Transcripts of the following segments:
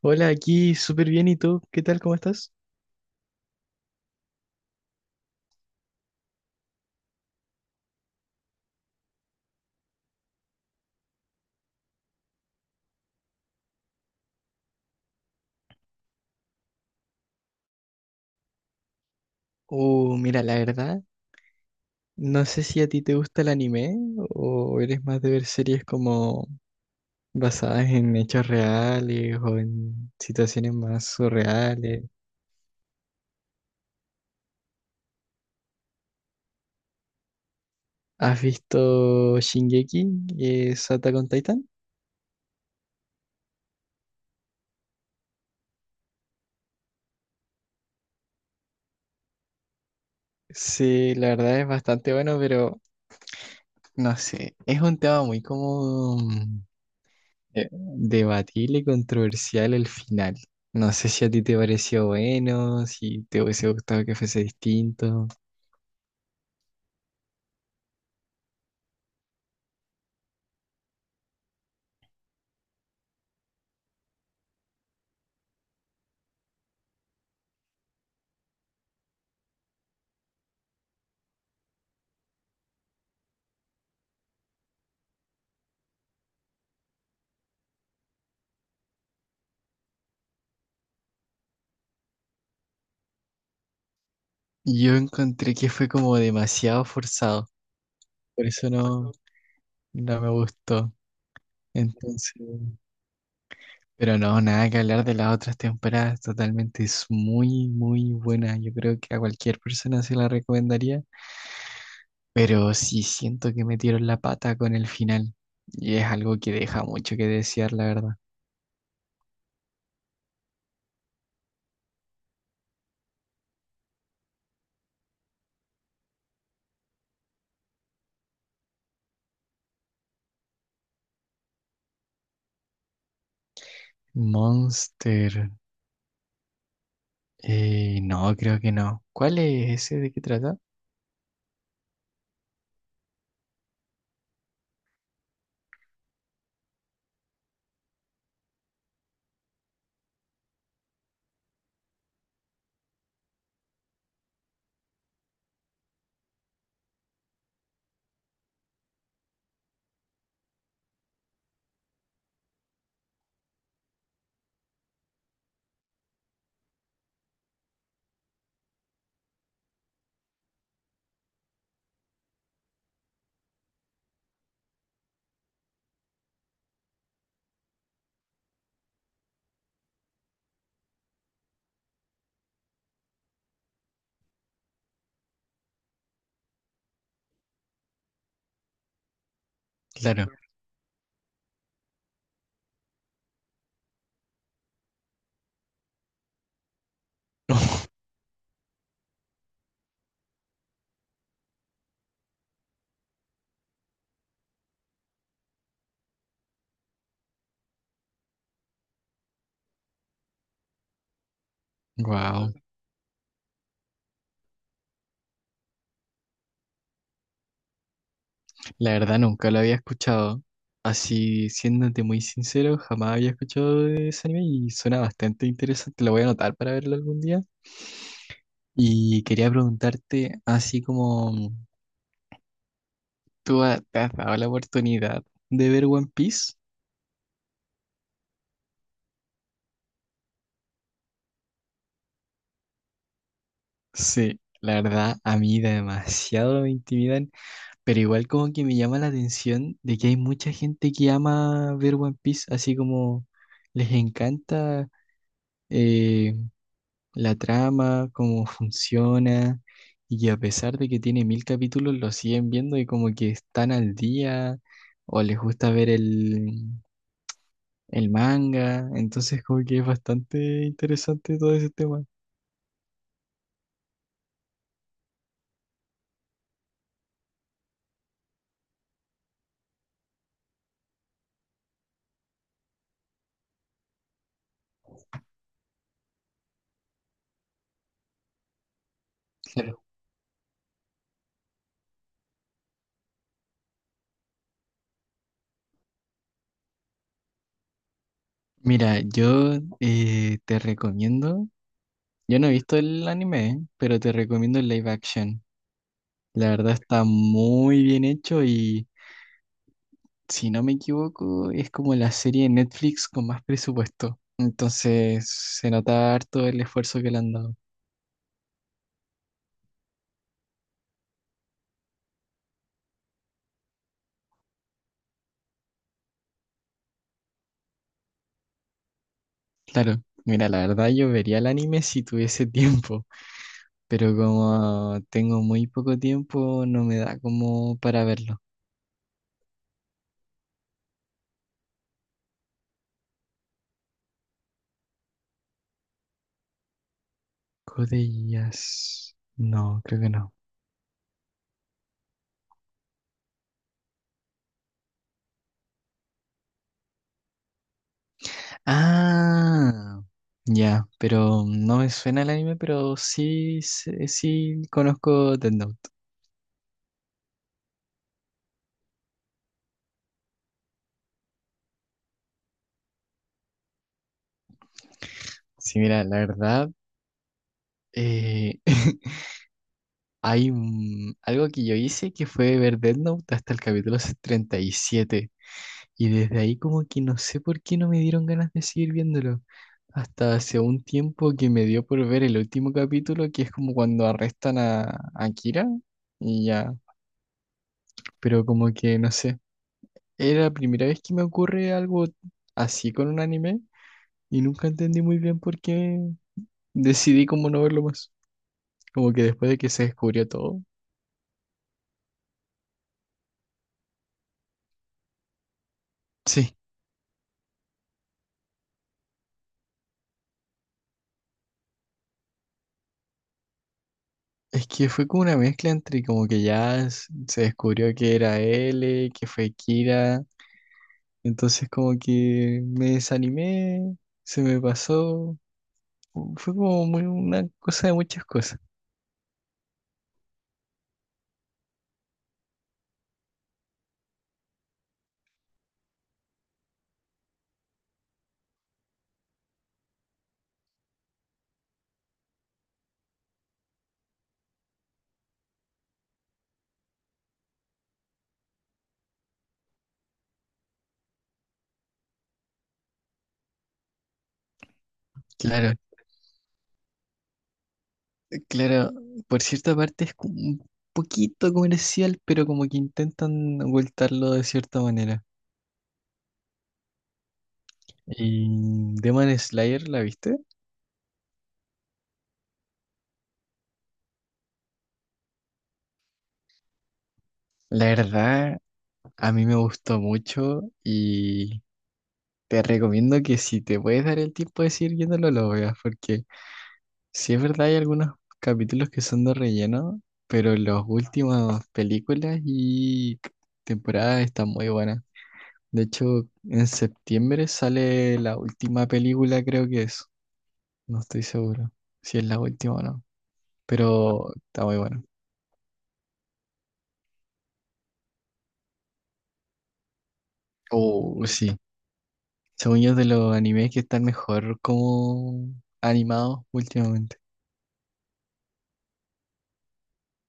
Hola, aquí súper bien. ¿Y tú? ¿Qué tal? ¿Cómo estás? Mira, la verdad, no sé si a ti te gusta el anime o eres más de ver series como basadas en hechos reales o en situaciones más surreales. ¿Has visto Shingeki y Attack on Titan? Sí, la verdad es bastante bueno, pero no sé, es un tema muy como Debatible y controversial el final. No sé si a ti te pareció bueno, si te hubiese gustado que fuese distinto. Yo encontré que fue como demasiado forzado, por eso no me gustó. Entonces, pero no, nada que hablar de las otras temporadas, totalmente es muy, muy buena. Yo creo que a cualquier persona se la recomendaría, pero sí siento que metieron la pata con el final y es algo que deja mucho que desear, la verdad. Monster. No, creo que no. ¿Cuál es ese? ¿De qué trata? Claro. Wow. La verdad nunca lo había escuchado. Así, siéndote muy sincero, jamás había escuchado de ese anime y suena bastante interesante. Lo voy a anotar para verlo algún día. Y quería preguntarte, así como te has dado la oportunidad de ver One Piece. Sí, la verdad, a mí demasiado me intimidan. Pero igual como que me llama la atención de que hay mucha gente que ama ver One Piece, así como les encanta eh, la trama, cómo funciona, y que a pesar de que tiene mil capítulos, lo siguen viendo y como que están al día, o les gusta ver el manga, entonces como que es bastante interesante todo ese tema. Claro. Mira, yo te recomiendo, yo no he visto el anime, pero te recomiendo el live action. La verdad está muy bien hecho y, si no me equivoco, es como la serie de Netflix con más presupuesto. Entonces se nota harto el esfuerzo que le han dado. Claro, mira, la verdad yo vería el anime si tuviese tiempo, pero como tengo muy poco tiempo, no me da como para verlo. Code Geass. No, creo que no. Ah, ya, pero no me suena el anime, pero sí, sí, sí conozco Death Note. Sí, mira, la verdad, eh, algo que yo hice que fue ver Death Note hasta el capítulo 37. Y siete. Y desde ahí como que no sé por qué no me dieron ganas de seguir viéndolo. Hasta hace un tiempo que me dio por ver el último capítulo, que es como cuando arrestan a Kira. Y ya, pero como que no sé. Era la primera vez que me ocurre algo así con un anime y nunca entendí muy bien por qué decidí como no verlo más. Como que después de que se descubrió todo. Sí, es que fue como una mezcla entre como que ya se descubrió que era L, que fue Kira, entonces como que me desanimé, se me pasó, fue como muy una cosa de muchas cosas. Claro, claro, por cierta parte es como un poquito comercial, pero como que intentan ocultarlo de cierta manera. Y Demon Slayer, ¿la viste? La verdad, a mí me gustó mucho y te recomiendo que si te puedes dar el tiempo de seguir viéndolo, lo veas, porque si es verdad hay algunos capítulos que son de relleno, pero las últimas películas y temporadas están muy buenas. De hecho, en septiembre sale la última película, creo que es. No estoy seguro si es la última o no, pero está muy bueno. Oh, sí. Según yo, es de los animes que están mejor como animados últimamente.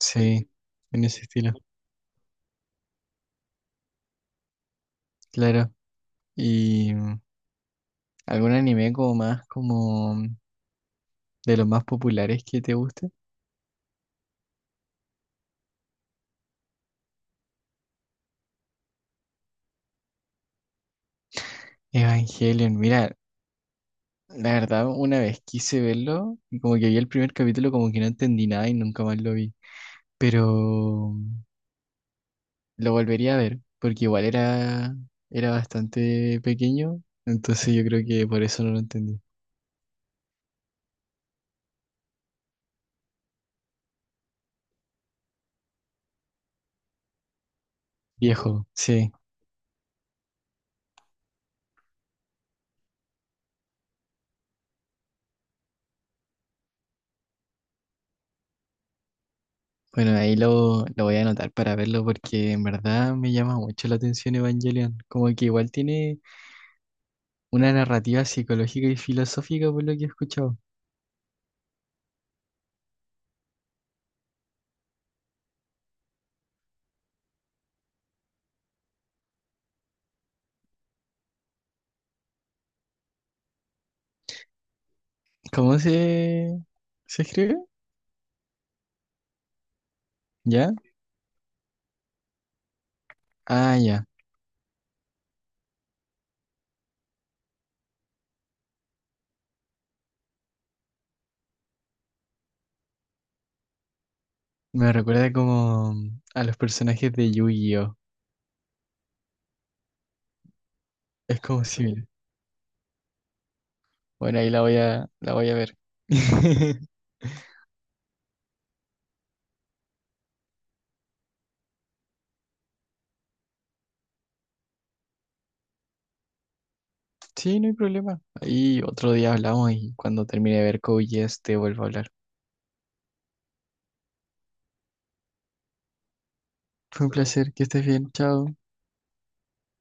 Sí, en ese estilo. Claro. ¿Y algún anime como más, como de los más populares que te guste? Evangelion, mira, la verdad una vez quise verlo y como que vi el primer capítulo como que no entendí nada y nunca más lo vi, pero mm, lo volvería a ver porque igual era, era bastante pequeño, entonces yo creo que por eso no lo entendí. Viejo, sí. Bueno, ahí lo voy a anotar para verlo porque en verdad me llama mucho la atención Evangelion. Como que igual tiene una narrativa psicológica y filosófica, por lo que he escuchado. ¿Cómo se escribe? ¿Ya? Ah, ya. Me recuerda como a los personajes de Yu-Gi-Oh! Es como similar. Bueno, ahí la voy a ver. Sí, no hay problema. Ahí otro día hablamos y cuando termine de ver Code Geass te vuelvo a hablar. Fue un placer, que estés bien, chao.